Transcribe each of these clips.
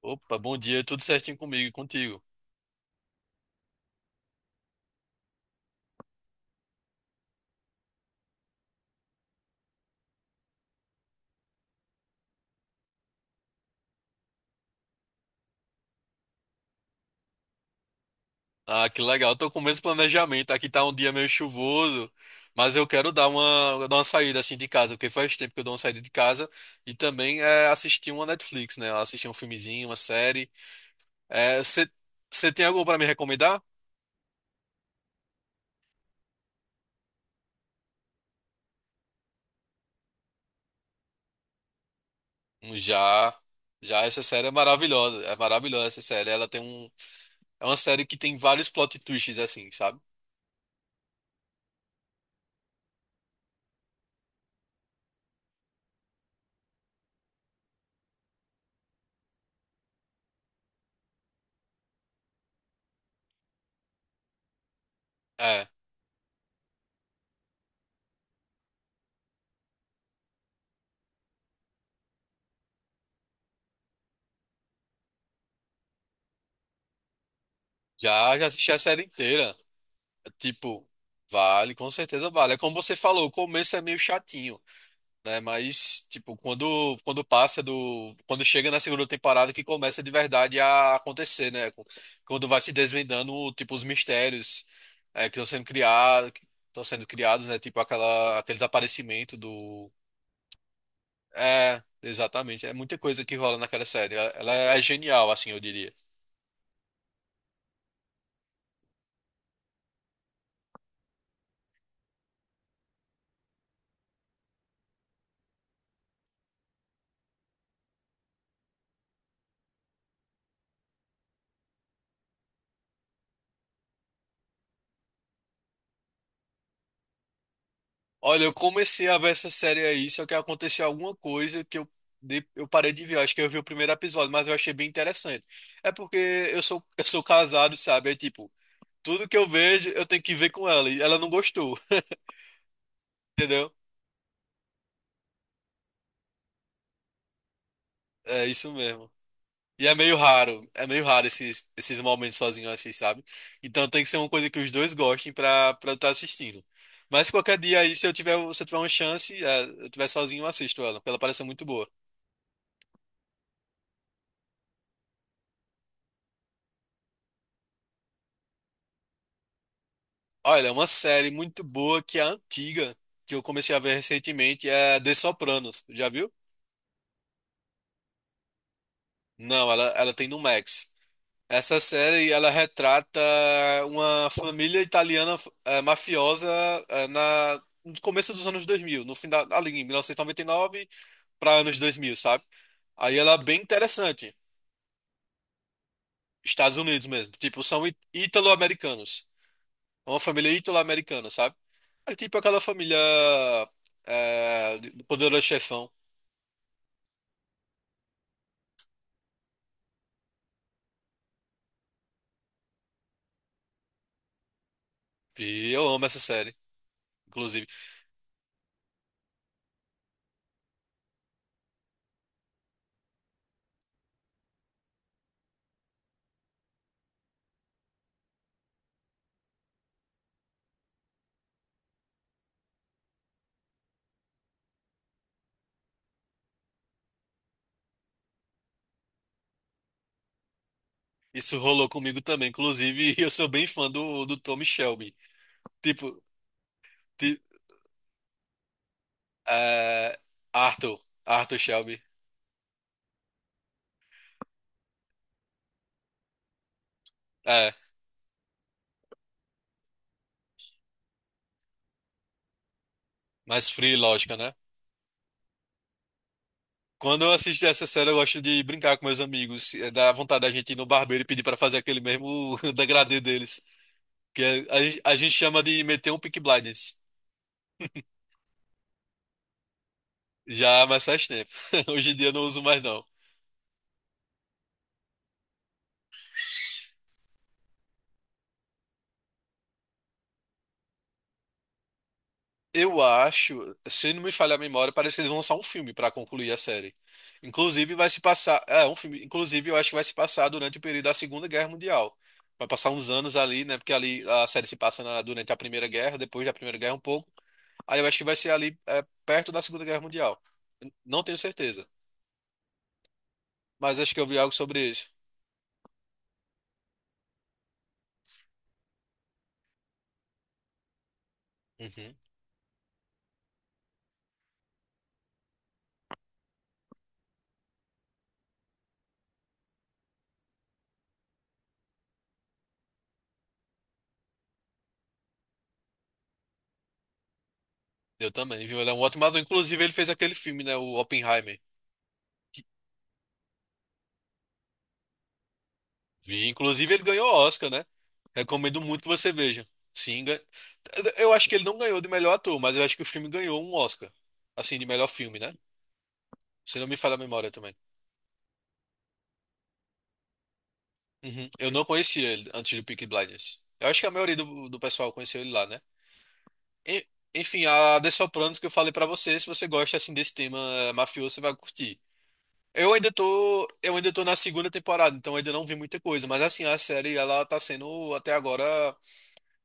Opa, bom dia, tudo certinho comigo e contigo. Ah, que legal, tô com o mesmo planejamento. Aqui tá um dia meio chuvoso, mas eu quero dar uma saída assim de casa, porque faz tempo que eu dou uma saída de casa e também assistir uma Netflix, né? Assistir um filmezinho, uma série. Você tem algo pra me recomendar? Já, já, essa série é maravilhosa essa série. É uma série que tem vários plot twists assim, sabe? É, já, já assisti a série inteira. Tipo, vale, com certeza vale. É como você falou, o começo é meio chatinho, né? Mas, tipo, quando passa do. Quando chega na segunda temporada que começa de verdade a acontecer, né? Quando vai se desvendando, tipo, os mistérios que estão sendo criados, né? Tipo, aquele desaparecimento do. É, exatamente. É muita coisa que rola naquela série. Ela é genial, assim, eu diria. Olha, eu comecei a ver essa série aí, só que aconteceu alguma coisa que eu parei de ver. Eu acho que eu vi o primeiro episódio, mas eu achei bem interessante. É porque eu sou casado, sabe? É tipo, tudo que eu vejo, eu tenho que ver com ela. E ela não gostou, entendeu? É isso mesmo. E é meio raro esses momentos sozinho assim, sabe? Então tem que ser uma coisa que os dois gostem pra eu estar assistindo. Mas qualquer dia aí, se eu tiver uma chance, eu tiver sozinho, eu assisto ela, porque ela parece muito boa. Olha, uma série muito boa que é antiga, que eu comecei a ver recentemente, é The Sopranos. Já viu? Não, ela tem no Max. Essa série, ela retrata uma família italiana mafiosa eh, na, no começo dos anos 2000, no final, ali em 1999 para anos 2000, sabe? Aí ela é bem interessante. Estados Unidos mesmo. Tipo, são ítalo-americanos. É uma família ítalo-americana, sabe? É tipo aquela família do Poderoso Chefão. E eu amo essa série, inclusive. Isso rolou comigo também, inclusive. Eu sou bem fã do Tommy Shelby. Tipo, ti- é, Arthur. Arthur Shelby. É, mais free, lógica, né? Quando eu assisto essa série, eu gosto de brincar com meus amigos. É, dá vontade da gente ir no barbeiro e pedir pra fazer aquele mesmo degradê deles. Que é- a gente chama de meter um Peaky Blinders. Já, mas faz tempo. Hoje em dia eu não uso mais, não. Eu acho, se não me falha a memória, parece que eles vão lançar um filme pra concluir a série. Inclusive vai se passar, é um filme, inclusive eu acho que vai se passar durante o período da Segunda Guerra Mundial. Vai passar uns anos ali, né? Porque ali a série se passa durante a Primeira Guerra, depois da Primeira Guerra um pouco. Aí eu acho que vai ser ali perto da Segunda Guerra Mundial. Não tenho certeza, mas acho que eu vi algo sobre isso. Uhum. Eu também, viu? Ele é um ótimo ator. Inclusive ele fez aquele filme, né? O Oppenheimer. Vi. Inclusive ele ganhou o Oscar, né? Recomendo muito que você veja. Sim, eu acho que ele não ganhou de melhor ator, mas eu acho que o filme ganhou um Oscar. Assim, de melhor filme, né? Se não me falha a memória também. Uhum. Eu não conhecia ele antes do Peaky Blinders. Eu acho que a maioria do pessoal conheceu ele lá, né? E- enfim, a The Sopranos que eu falei pra você, se você gosta assim desse tema mafioso, você vai curtir. Eu ainda tô na segunda temporada, então ainda não vi muita coisa, mas assim, a série ela tá sendo até agora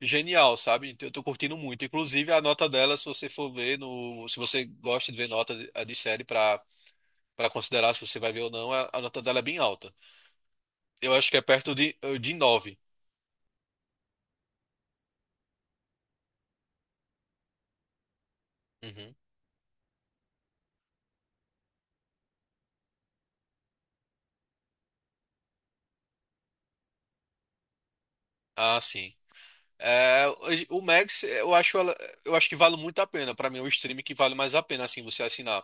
genial, sabe? Então eu tô curtindo muito. Inclusive a nota dela, se você for ver no, se você gosta de ver nota de, de série pra para considerar se você vai ver ou não, a nota dela é bem alta. Eu acho que é perto de, de nove. Uhum. Ah, sim. É, o Max, eu acho, ela- eu acho que vale muito a pena. Para mim, é o stream que vale mais a pena, assim, você assinar.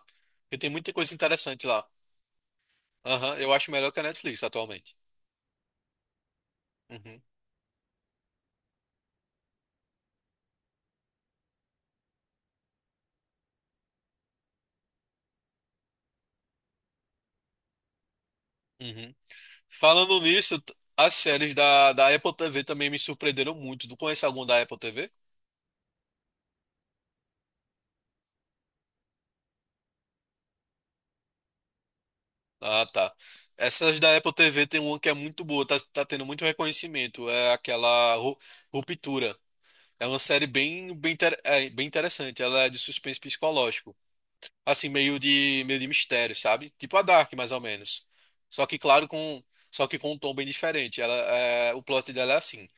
Porque tem muita coisa interessante lá. Aham, eu acho melhor que a Netflix atualmente. Uhum, uhum. Falando nisso, as séries da Apple TV também me surpreenderam muito. Tu conhece algum da Apple TV? Ah, tá. Essas da Apple TV tem uma que é muito boa, tá tendo muito reconhecimento. É aquela Ruptura. É uma série bem interessante. Ela é de suspense psicológico. Assim, meio de mistério, sabe? Tipo a Dark, mais ou menos. Só que, claro, com, só que com um tom bem diferente. O plot dela é assim.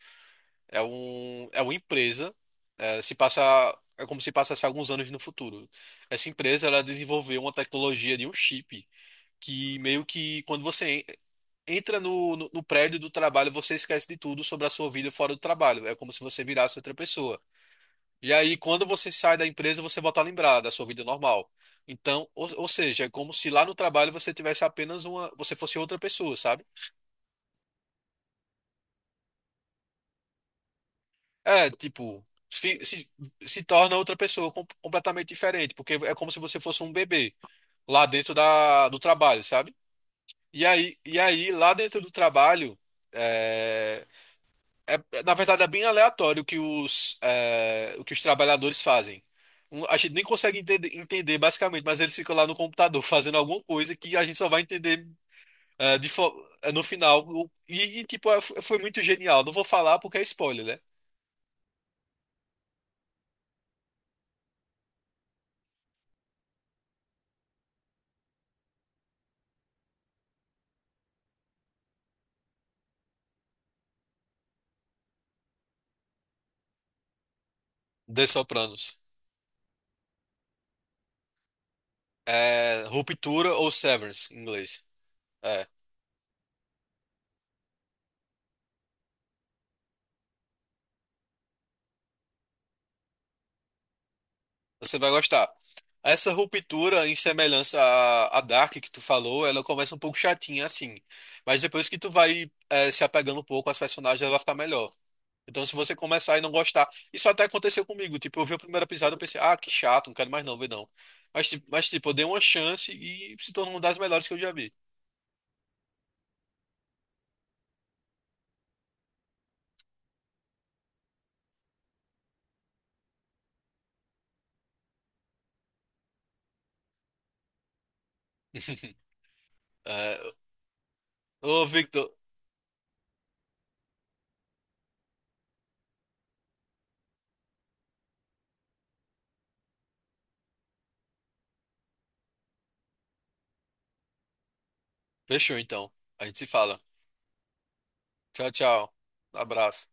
É uma empresa. É, se passa, é como se passasse alguns anos no futuro. Essa empresa, ela desenvolveu uma tecnologia de um chip que meio que quando você entra no prédio do trabalho, você esquece de tudo sobre a sua vida fora do trabalho. É como se você virasse outra pessoa. E aí, quando você sai da empresa, você volta a lembrar da sua vida normal. Então, ou seja, é como se lá no trabalho você tivesse apenas uma, você fosse outra pessoa, sabe? É, tipo, fi- se, se torna outra pessoa completamente diferente, porque é como se você fosse um bebê lá dentro do trabalho, sabe? Lá dentro do trabalho, é, na verdade, é bem aleatório o que os trabalhadores fazem. A gente nem consegue entender, basicamente, mas eles ficam lá no computador fazendo alguma coisa que a gente só vai entender é, de fo- no final. Tipo, foi muito genial. Não vou falar porque é spoiler, né? The Sopranos. É, Ruptura ou Severance, em inglês. É, você vai gostar. Essa ruptura, em semelhança à Dark que tu falou, ela começa um pouco chatinha assim. Mas depois que tu vai se apegando um pouco às personagens, ela fica melhor. Então, se você começar e não gostar. Isso até aconteceu comigo. Tipo, eu vi o primeiro episódio e pensei, ah, que chato, não quero mais não ver não. Tipo, eu dei uma chance e se tornou uma das melhores que eu já vi. Eh, ô, Victor, fechou então. A gente se fala. Tchau, tchau. Abraço.